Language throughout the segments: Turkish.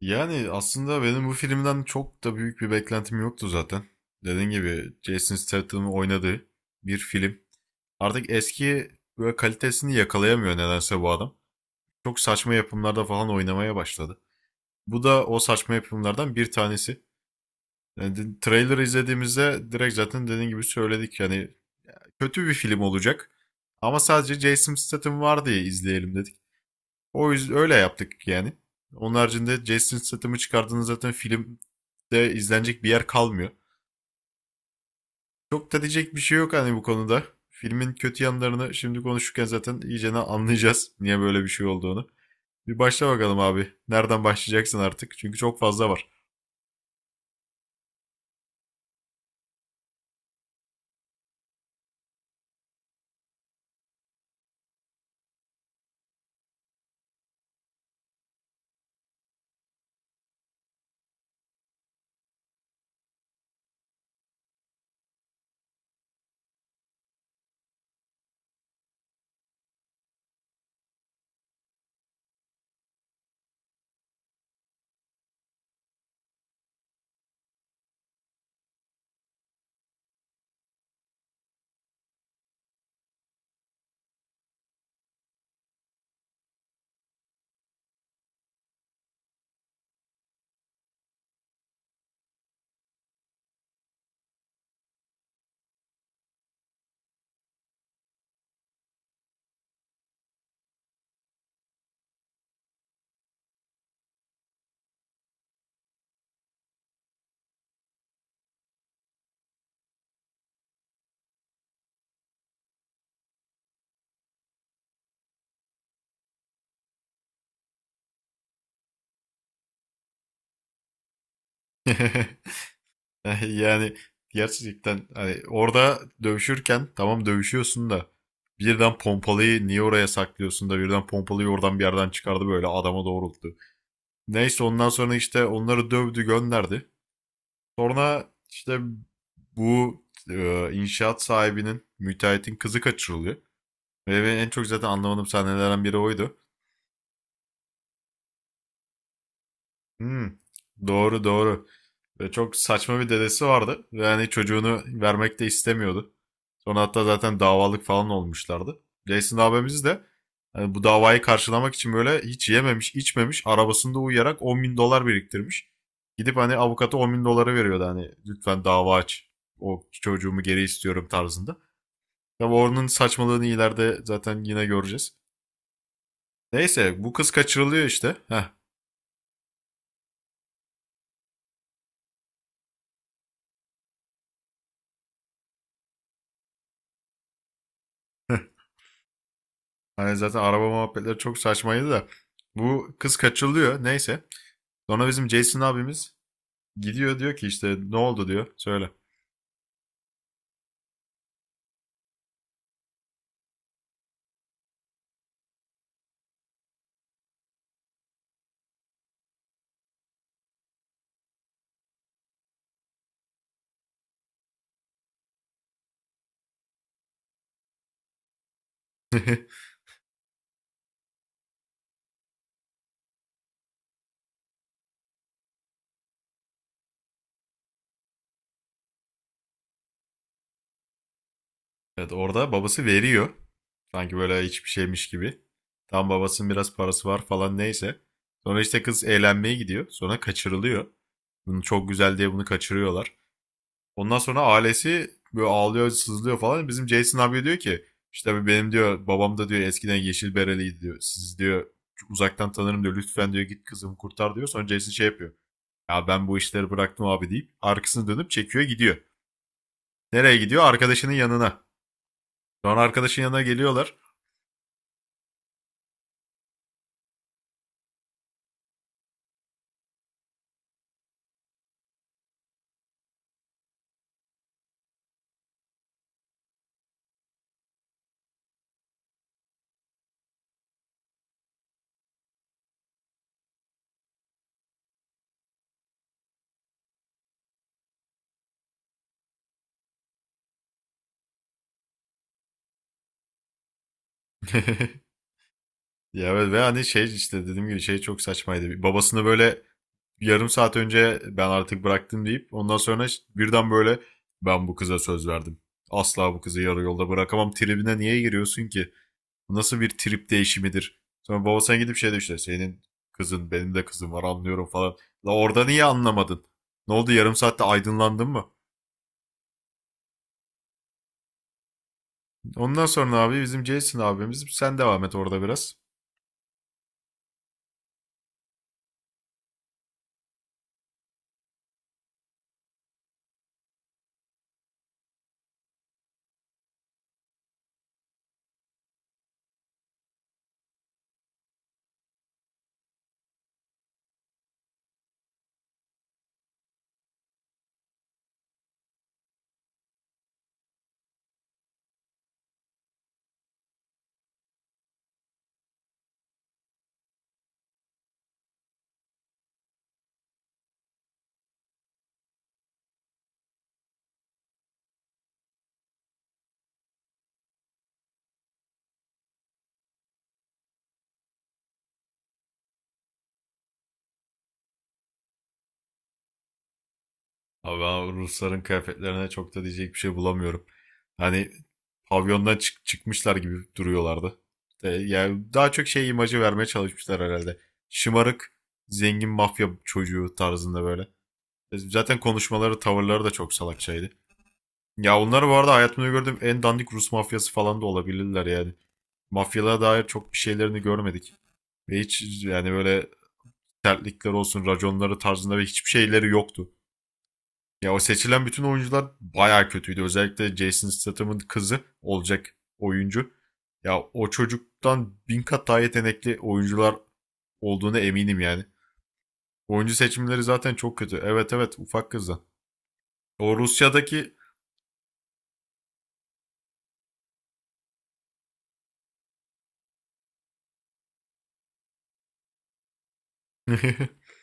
Yani aslında benim bu filmden çok da büyük bir beklentim yoktu zaten. Dediğim gibi Jason Statham'ın oynadığı bir film. Artık eski böyle kalitesini yakalayamıyor nedense bu adam. Çok saçma yapımlarda falan oynamaya başladı. Bu da o saçma yapımlardan bir tanesi. Yani trailer izlediğimizde direkt zaten dediğim gibi söyledik yani kötü bir film olacak. Ama sadece Jason Statham var diye izleyelim dedik. O yüzden öyle yaptık yani. Onun haricinde Jason Statham'ı çıkardığınız zaten filmde izlenecek bir yer kalmıyor. Çok da diyecek bir şey yok hani bu konuda. Filmin kötü yanlarını şimdi konuşurken zaten iyicene anlayacağız niye böyle bir şey olduğunu. Bir başla bakalım abi. Nereden başlayacaksın artık? Çünkü çok fazla var. Yani gerçekten hani orada dövüşürken tamam dövüşüyorsun da birden pompalıyı niye oraya saklıyorsun da birden pompalıyı oradan bir yerden çıkardı böyle adama doğrulttu. Neyse ondan sonra işte onları dövdü gönderdi. Sonra işte bu inşaat sahibinin, müteahhitin kızı kaçırılıyor. Ve benim en çok zaten anlamadığım sahnelerden biri oydu. Hmm, doğru doğru. Ve çok saçma bir dedesi vardı. Ve hani çocuğunu vermek de istemiyordu. Sonra hatta zaten davalık falan olmuşlardı. Jason abimiz de hani bu davayı karşılamak için böyle hiç yememiş, içmemiş, arabasında uyuyarak 10 bin dolar biriktirmiş. Gidip hani avukata 10 bin doları veriyordu hani lütfen dava aç. O çocuğumu geri istiyorum tarzında. Tabi onun saçmalığını ileride zaten yine göreceğiz. Neyse bu kız kaçırılıyor işte. Heh. Hani zaten araba muhabbetleri çok saçmaydı da. Bu kız kaçırılıyor neyse. Sonra bizim Jason abimiz gidiyor diyor ki işte ne oldu diyor söyle. Evet orada babası veriyor. Sanki böyle hiçbir şeymiş gibi. Tam babasının biraz parası var falan neyse. Sonra işte kız eğlenmeye gidiyor. Sonra kaçırılıyor. Bunu çok güzel diye bunu kaçırıyorlar. Ondan sonra ailesi böyle ağlıyor, sızlıyor falan. Bizim Jason abi diyor ki işte benim diyor babam da diyor eskiden yeşil bereliydi diyor. Siz diyor uzaktan tanırım diyor. Lütfen diyor git kızımı kurtar diyor. Sonra Jason şey yapıyor. Ya ben bu işleri bıraktım abi deyip arkasını dönüp çekiyor gidiyor. Nereye gidiyor? Arkadaşının yanına. Sonra arkadaşın yanına geliyorlar. Ya evet ve hani şey işte dediğim gibi şey çok saçmaydı. Babasını böyle yarım saat önce ben artık bıraktım deyip ondan sonra işte birden böyle ben bu kıza söz verdim. Asla bu kızı yarı yolda bırakamam tribine niye giriyorsun ki? Nasıl bir trip değişimidir? Sonra baba gidip şey de işte senin kızın benim de kızım var anlıyorum falan. La orada niye anlamadın? Ne oldu yarım saatte aydınlandın mı? Ondan sonra abi bizim Jason abimiz sen devam et orada biraz. Abi ben Rusların kıyafetlerine çok da diyecek bir şey bulamıyorum. Hani pavyondan çıkmışlar gibi duruyorlardı. E, yani daha çok şey imajı vermeye çalışmışlar herhalde. Şımarık, zengin mafya çocuğu tarzında böyle. E, zaten konuşmaları, tavırları da çok salakçaydı. Ya onlar bu arada hayatımda gördüğüm en dandik Rus mafyası falan da olabilirler yani. Mafyalara dair çok bir şeylerini görmedik. Ve hiç yani böyle sertlikler olsun, raconları tarzında ve hiçbir şeyleri yoktu. Ya o seçilen bütün oyuncular bayağı kötüydü. Özellikle Jason Statham'ın kızı olacak oyuncu. Ya o çocuktan bin kat daha yetenekli oyuncular olduğuna eminim yani. Oyuncu seçimleri zaten çok kötü. Evet, evet, ufak kızdan. O Rusya'daki...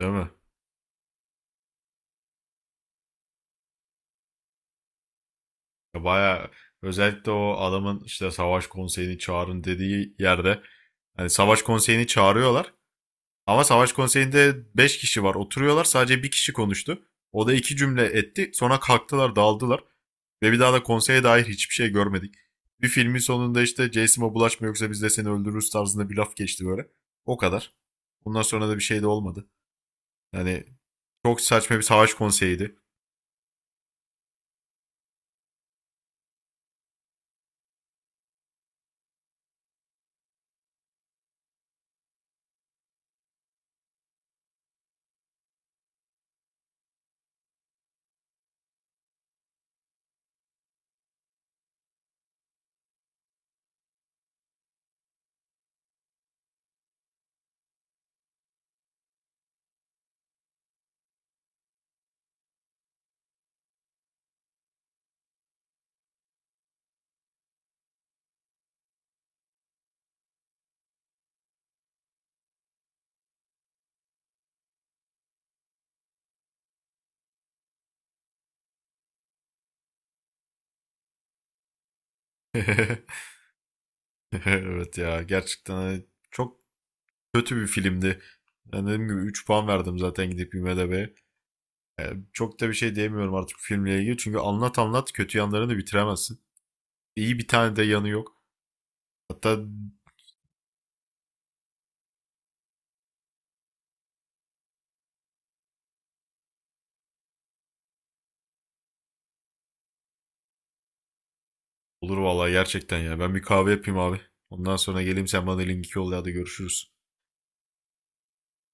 Değil mi? Ya bayağı özellikle o adamın işte savaş konseyini çağırın dediği yerde hani savaş konseyini çağırıyorlar ama savaş konseyinde 5 kişi var oturuyorlar sadece bir kişi konuştu. O da iki cümle etti sonra kalktılar dağıldılar ve bir daha da konseye dair hiçbir şey görmedik. Bir filmin sonunda işte Jason'a bulaşma yoksa biz de seni öldürürüz tarzında bir laf geçti böyle. O kadar. Bundan sonra da bir şey de olmadı. Yani çok saçma bir savaş konseyiydi. Evet ya gerçekten hani çok kötü bir filmdi. Yani dediğim gibi 3 puan verdim zaten gidip IMDb'ye. Yani çok da bir şey diyemiyorum artık filmle ilgili. Çünkü anlat anlat kötü yanlarını bitiremezsin. İyi bir tane de yanı yok. Hatta olur vallahi gerçekten ya. Ben bir kahve yapayım abi. Ondan sonra geleyim sen bana linki yolla hadi görüşürüz.